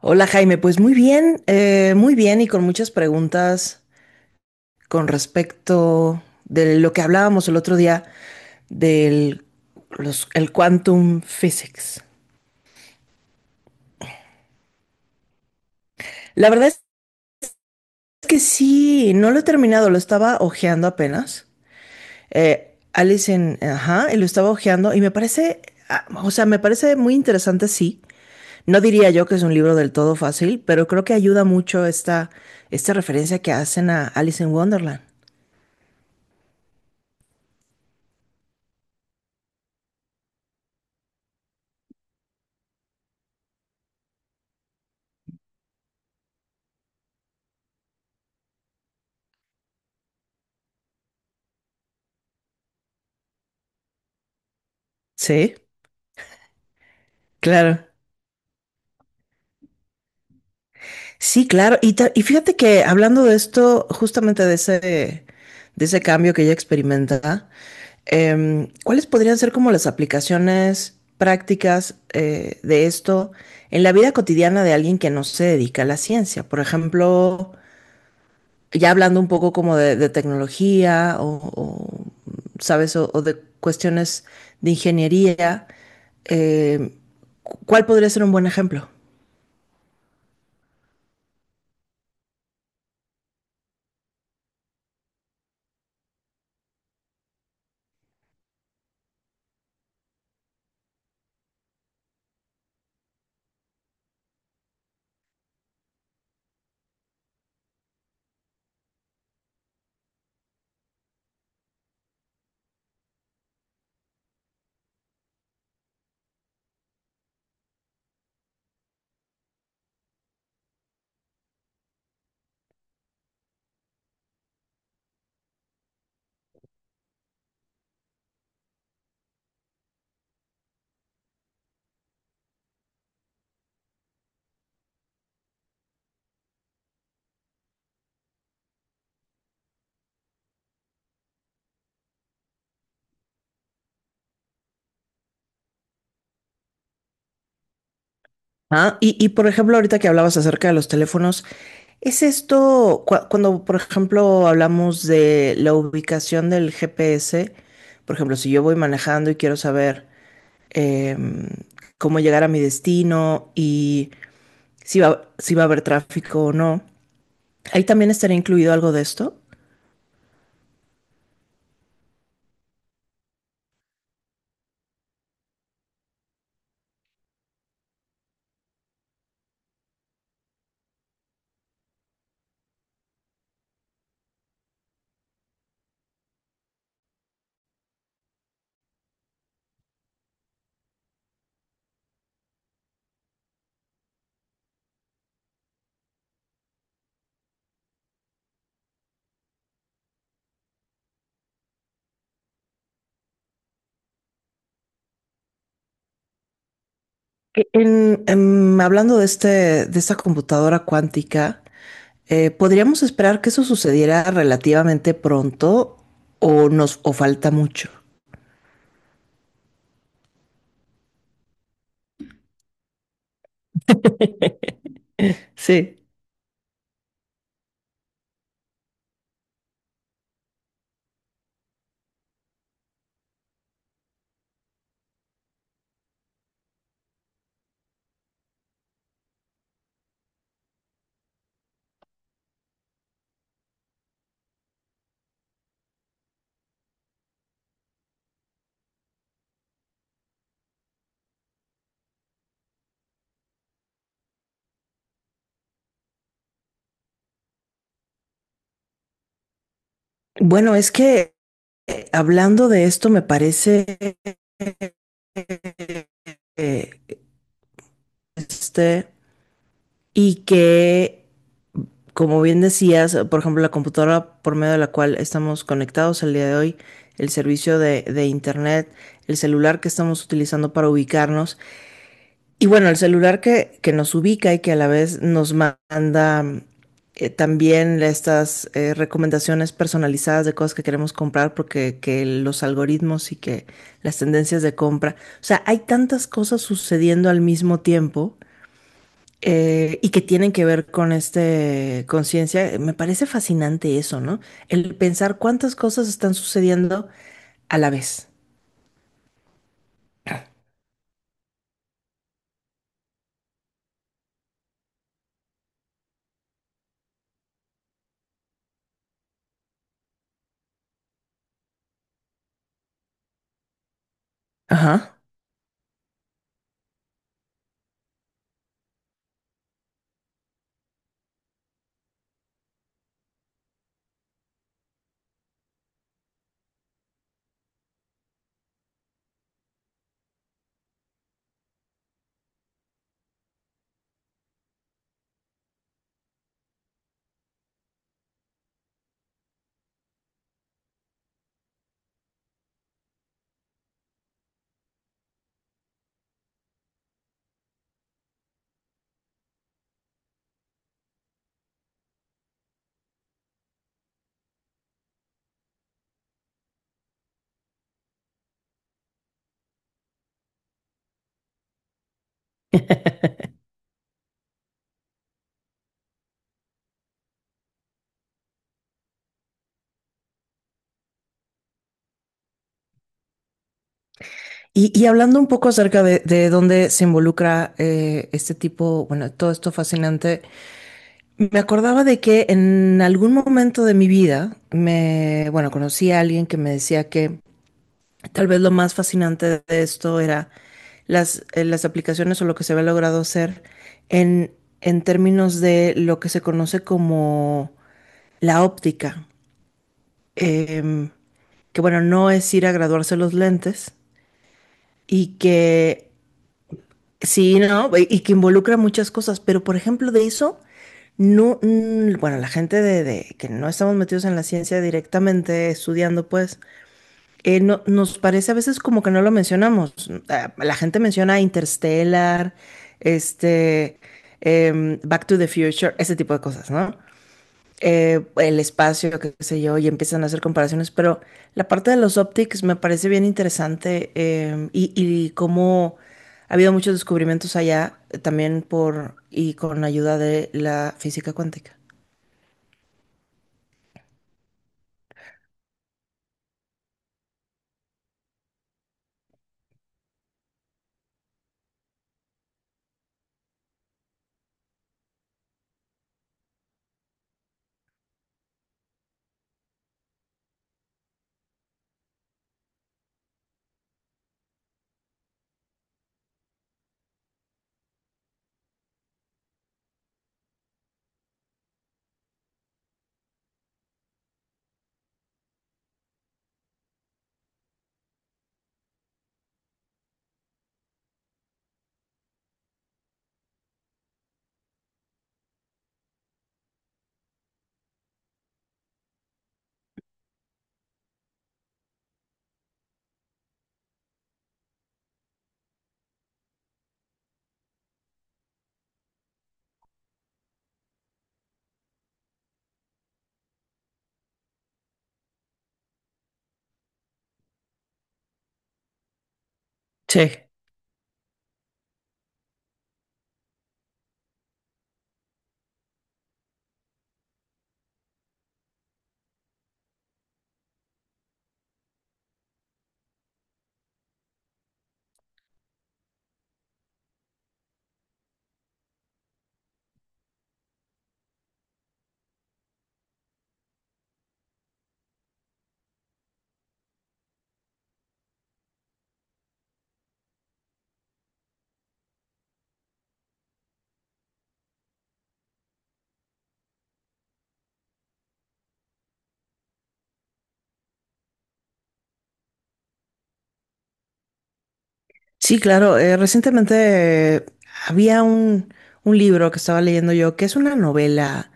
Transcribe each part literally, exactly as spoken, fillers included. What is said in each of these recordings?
Hola Jaime, pues muy bien, eh, muy bien y con muchas preguntas con respecto de lo que hablábamos el otro día del los- el quantum physics. La verdad es que sí, no lo he terminado, lo estaba ojeando apenas. Eh, Alice en, ajá, y lo estaba ojeando y me parece, ah, o sea, me parece muy interesante, sí. No diría yo que es un libro del todo fácil, pero creo que ayuda mucho esta, esta referencia que hacen a Alice en Wonderland. Sí, claro. Sí, claro. Y, ta- y fíjate que hablando de esto, justamente de ese, de ese cambio que ella experimenta, em, ¿cuáles podrían ser como las aplicaciones prácticas eh, de esto en la vida cotidiana de alguien que no se dedica a la ciencia? Por ejemplo, ya hablando un poco como de, de tecnología o, o, ¿sabes? O, o de cuestiones de ingeniería, em, ¿cuál podría ser un buen ejemplo? Ah, y, y por ejemplo, ahorita que hablabas acerca de los teléfonos, ¿es esto cua- cuando, por ejemplo, hablamos de la ubicación del G P S? Por ejemplo, si yo voy manejando y quiero saber em, cómo llegar a mi destino y si va, si va a haber tráfico o no, ahí también estaría incluido algo de esto. E- En, em, hablando de este, de esta computadora cuántica. Eh, podríamos esperar que eso sucediera relativamente pronto o nos o falta mucho? Sí. Bueno, es que eh, hablando de esto me parece eh, este y que como bien decías, por ejemplo, la computadora por medio de la cual estamos conectados el día de hoy, el servicio de, de internet, el celular que estamos utilizando para ubicarnos. Y bueno, el celular que, que nos ubica y que a la vez nos manda eh, también estas eh, recomendaciones personalizadas de cosas que queremos comprar porque que los algoritmos y que las tendencias de compra. O sea, hay tantas cosas sucediendo al mismo tiempo eh, y que tienen que ver con este conciencia. Me parece fascinante eso, ¿no? El pensar cuántas cosas están sucediendo a la vez. Ajá. Y, y hablando un poco acerca de, de dónde se involucra eh, este tipo, bueno, todo esto fascinante, me acordaba de que en algún momento de mi vida me, bueno, conocí a alguien que me decía que tal vez lo más fascinante de esto era las, eh, las aplicaciones o lo que se había logrado hacer en, en términos de lo que se conoce como la óptica. Em, que bueno, no es ir a graduarse los lentes y que sí, ¿no? Y que involucra muchas cosas, pero por ejemplo de eso, no, mm, bueno, la gente de, de que no estamos metidos en la ciencia directamente estudiando, pues, eh, no, nos parece a veces como que no lo mencionamos. Mm, Ah, La gente menciona Interstellar, este, em, Back to the Future, ese tipo de cosas, ¿no? eh, el espacio, qué sé yo, y empiezan a hacer comparaciones, pero la parte de los optics me parece bien interesante eh, y, y cómo ha habido muchos descubrimientos allá eh, también por y con ayuda de la física cuántica. Sí. Sí, claro, eh, recientemente eh, había un, un libro que estaba leyendo yo que es una novela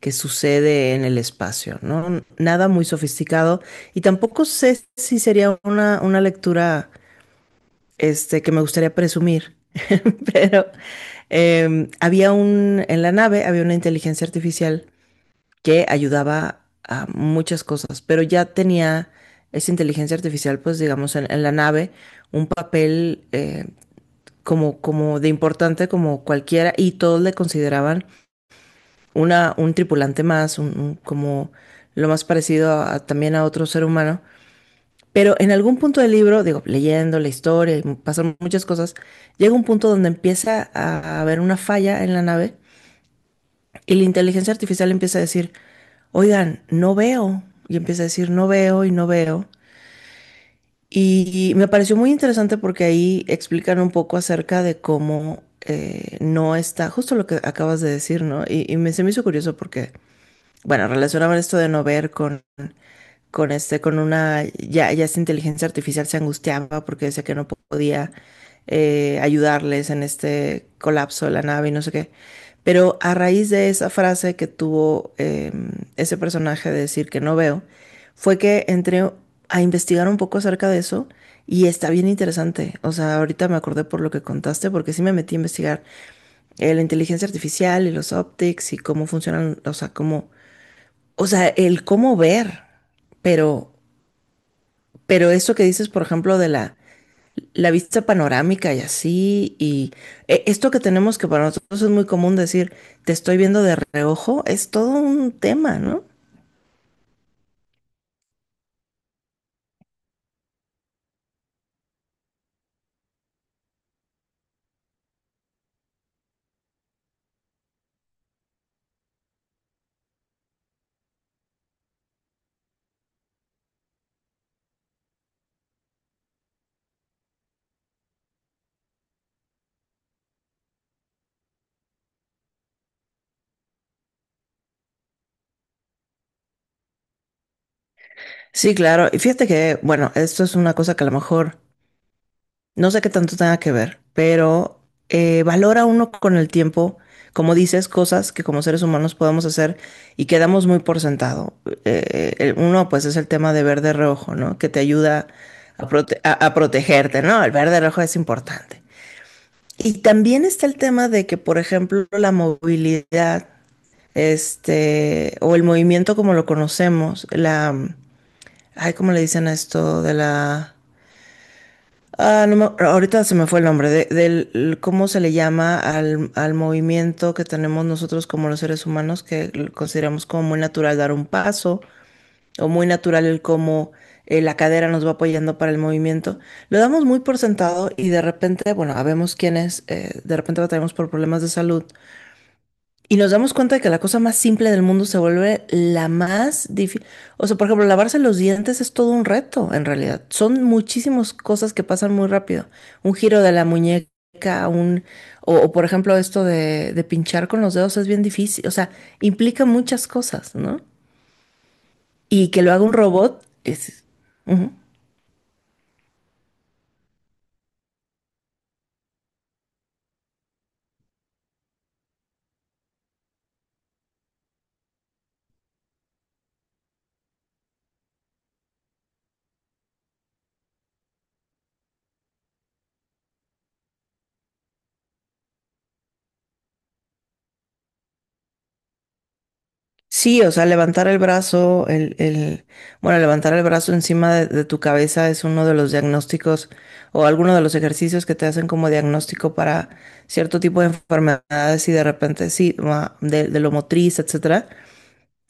que sucede en el espacio, ¿no? Nada muy sofisticado y tampoco sé si sería una, una lectura este, que me gustaría presumir, pero em, había un, en la nave había una inteligencia artificial que ayudaba a muchas cosas, pero ya tenía esa inteligencia artificial, pues digamos, en, en la nave, un papel eh, como, como de importante como cualquiera y todos le consideraban una, un tripulante más, un, un- como lo más parecido a- a- también a otro ser humano. Pero en algún punto del libro, digo, leyendo la historia, y pasan muchas cosas, llega un punto donde empieza a haber una falla en la nave y la inteligencia artificial empieza a decir, oigan, no veo. Y empieza a decir, no veo y no veo. Y me pareció muy interesante porque ahí explican un poco acerca de cómo eh, no está, justo lo que acabas de decir, ¿no? Y, y me, se me hizo curioso porque, bueno, relacionaban esto de no ver con con este, con una, ya, ya esta inteligencia artificial se angustiaba porque decía que no podía eh, ayudarles en este colapso de la nave y no sé qué. Pero a raíz de esa frase que tuvo eh, ese personaje de decir que no veo, fue que entré a investigar un poco acerca de eso y está bien interesante. O sea, ahorita me acordé por lo que contaste porque sí me metí a investigar eh, la inteligencia artificial y los optics y cómo funcionan, o sea, cómo, o sea, el cómo ver, pero pero eso que dices, por ejemplo, de la, la vista panorámica y así, y eh, esto que tenemos que para nosotros es muy común decir, te estoy viendo de reojo, es todo un tema, ¿no? Sí, claro. Y fíjate que, bueno, esto es una cosa que a lo mejor no sé qué tanto tenga que ver, pero eh, valora uno con el tiempo, como dices, cosas que como seres humanos podemos hacer y quedamos muy por sentado. Eh, eh, el- uno, pues, es el tema de ver de reojo, ¿no? Que te ayuda a, prote- a- a protegerte, ¿no? El ver de reojo es importante. Y también está el tema de que, por ejemplo, la movilidad, este, o el movimiento como lo conocemos, la, ay, ¿cómo le dicen a esto? De la Ah, no me- ahorita se me fue el nombre de, del cómo se le llama al, al movimiento que tenemos nosotros como los seres humanos, que lo consideramos como muy natural dar un paso, o muy natural el cómo eh, la cadera nos va apoyando para el movimiento. Lo damos muy por sentado y de repente, bueno, habemos quienes, eh, de repente batallamos por problemas de salud y nos damos cuenta de que la cosa más simple del mundo se vuelve la más difícil. O sea, por ejemplo, lavarse los dientes es todo un reto, en realidad. Son muchísimas cosas que pasan muy rápido. Un giro de la muñeca, un... O, o, por ejemplo, esto de, de pinchar con los dedos es bien difícil. O sea, implica muchas cosas, ¿no? Y que lo haga un robot es... ujú. Sí, o sea, levantar el brazo, el, el, bueno, levantar el brazo encima de, de tu cabeza es uno de los diagnósticos o alguno de los ejercicios que te hacen como diagnóstico para cierto tipo de enfermedades y de repente sí, ma- de, de lo motriz, etcétera.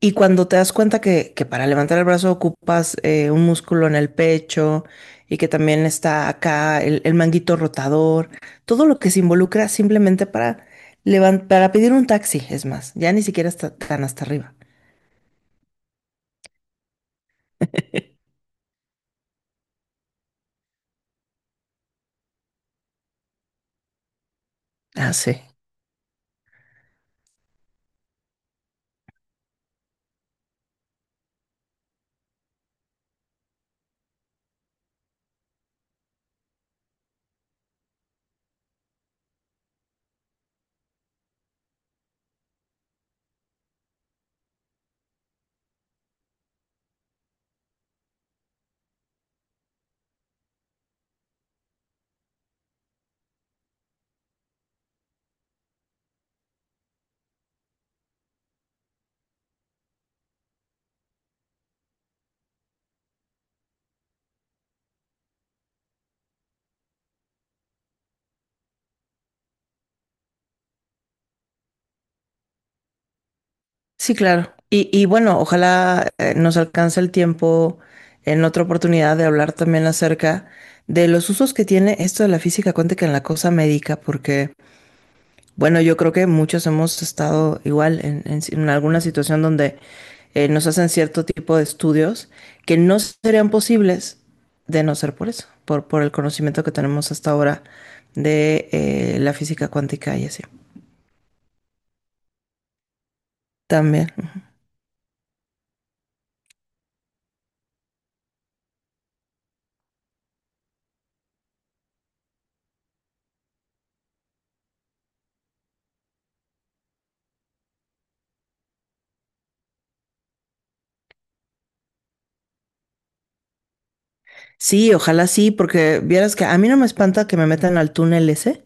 Y cuando te das cuenta que, que para levantar el brazo ocupas eh, un músculo en el pecho y que también está acá el, el manguito rotador, todo lo que se involucra simplemente para levantar, para pedir un taxi, es más, ya ni siquiera está tan hasta arriba. Ah, sí. Sí, claro. Y, y bueno, ojalá eh, nos alcance el tiempo en otra oportunidad de hablar también acerca de los usos que tiene esto de la física cuántica en la cosa médica, porque, bueno, yo creo que muchos hemos estado igual en, en si- en alguna situación donde eh, nos hacen cierto tipo de estudios que no serían posibles de no ser por eso, por, por el conocimiento que tenemos hasta ahora de eh, la física cuántica y así. También. Sí, ojalá sí, porque vieras que a mí no me espanta que me metan al túnel ese,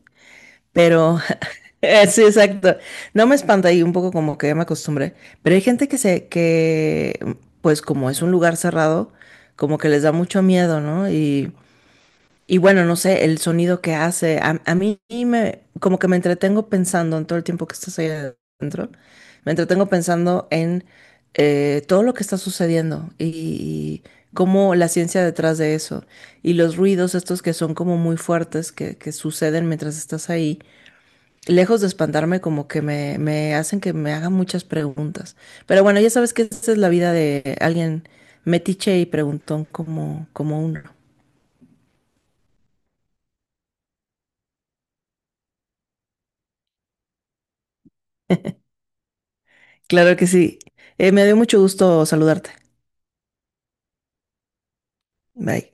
pero eh, sí, exacto. No me espanta y un poco como que ya me acostumbré, pero hay gente que se, que pues como es un lugar cerrado, como que les da mucho miedo, ¿no? Y y bueno, no sé, el sonido que hace, a, a mí me, como que me entretengo pensando en todo el tiempo que estás ahí adentro, me entretengo pensando en eh, todo lo que está sucediendo y, y cómo la ciencia detrás de eso y los ruidos estos que son como muy fuertes que, que suceden mientras estás ahí, lejos de espantarme como que me, me hacen que me haga muchas preguntas. Pero bueno, ya sabes que esta es la vida de alguien metiche y preguntón como, como uno. Claro que sí. Eh, me dio mucho gusto saludarte. Bye.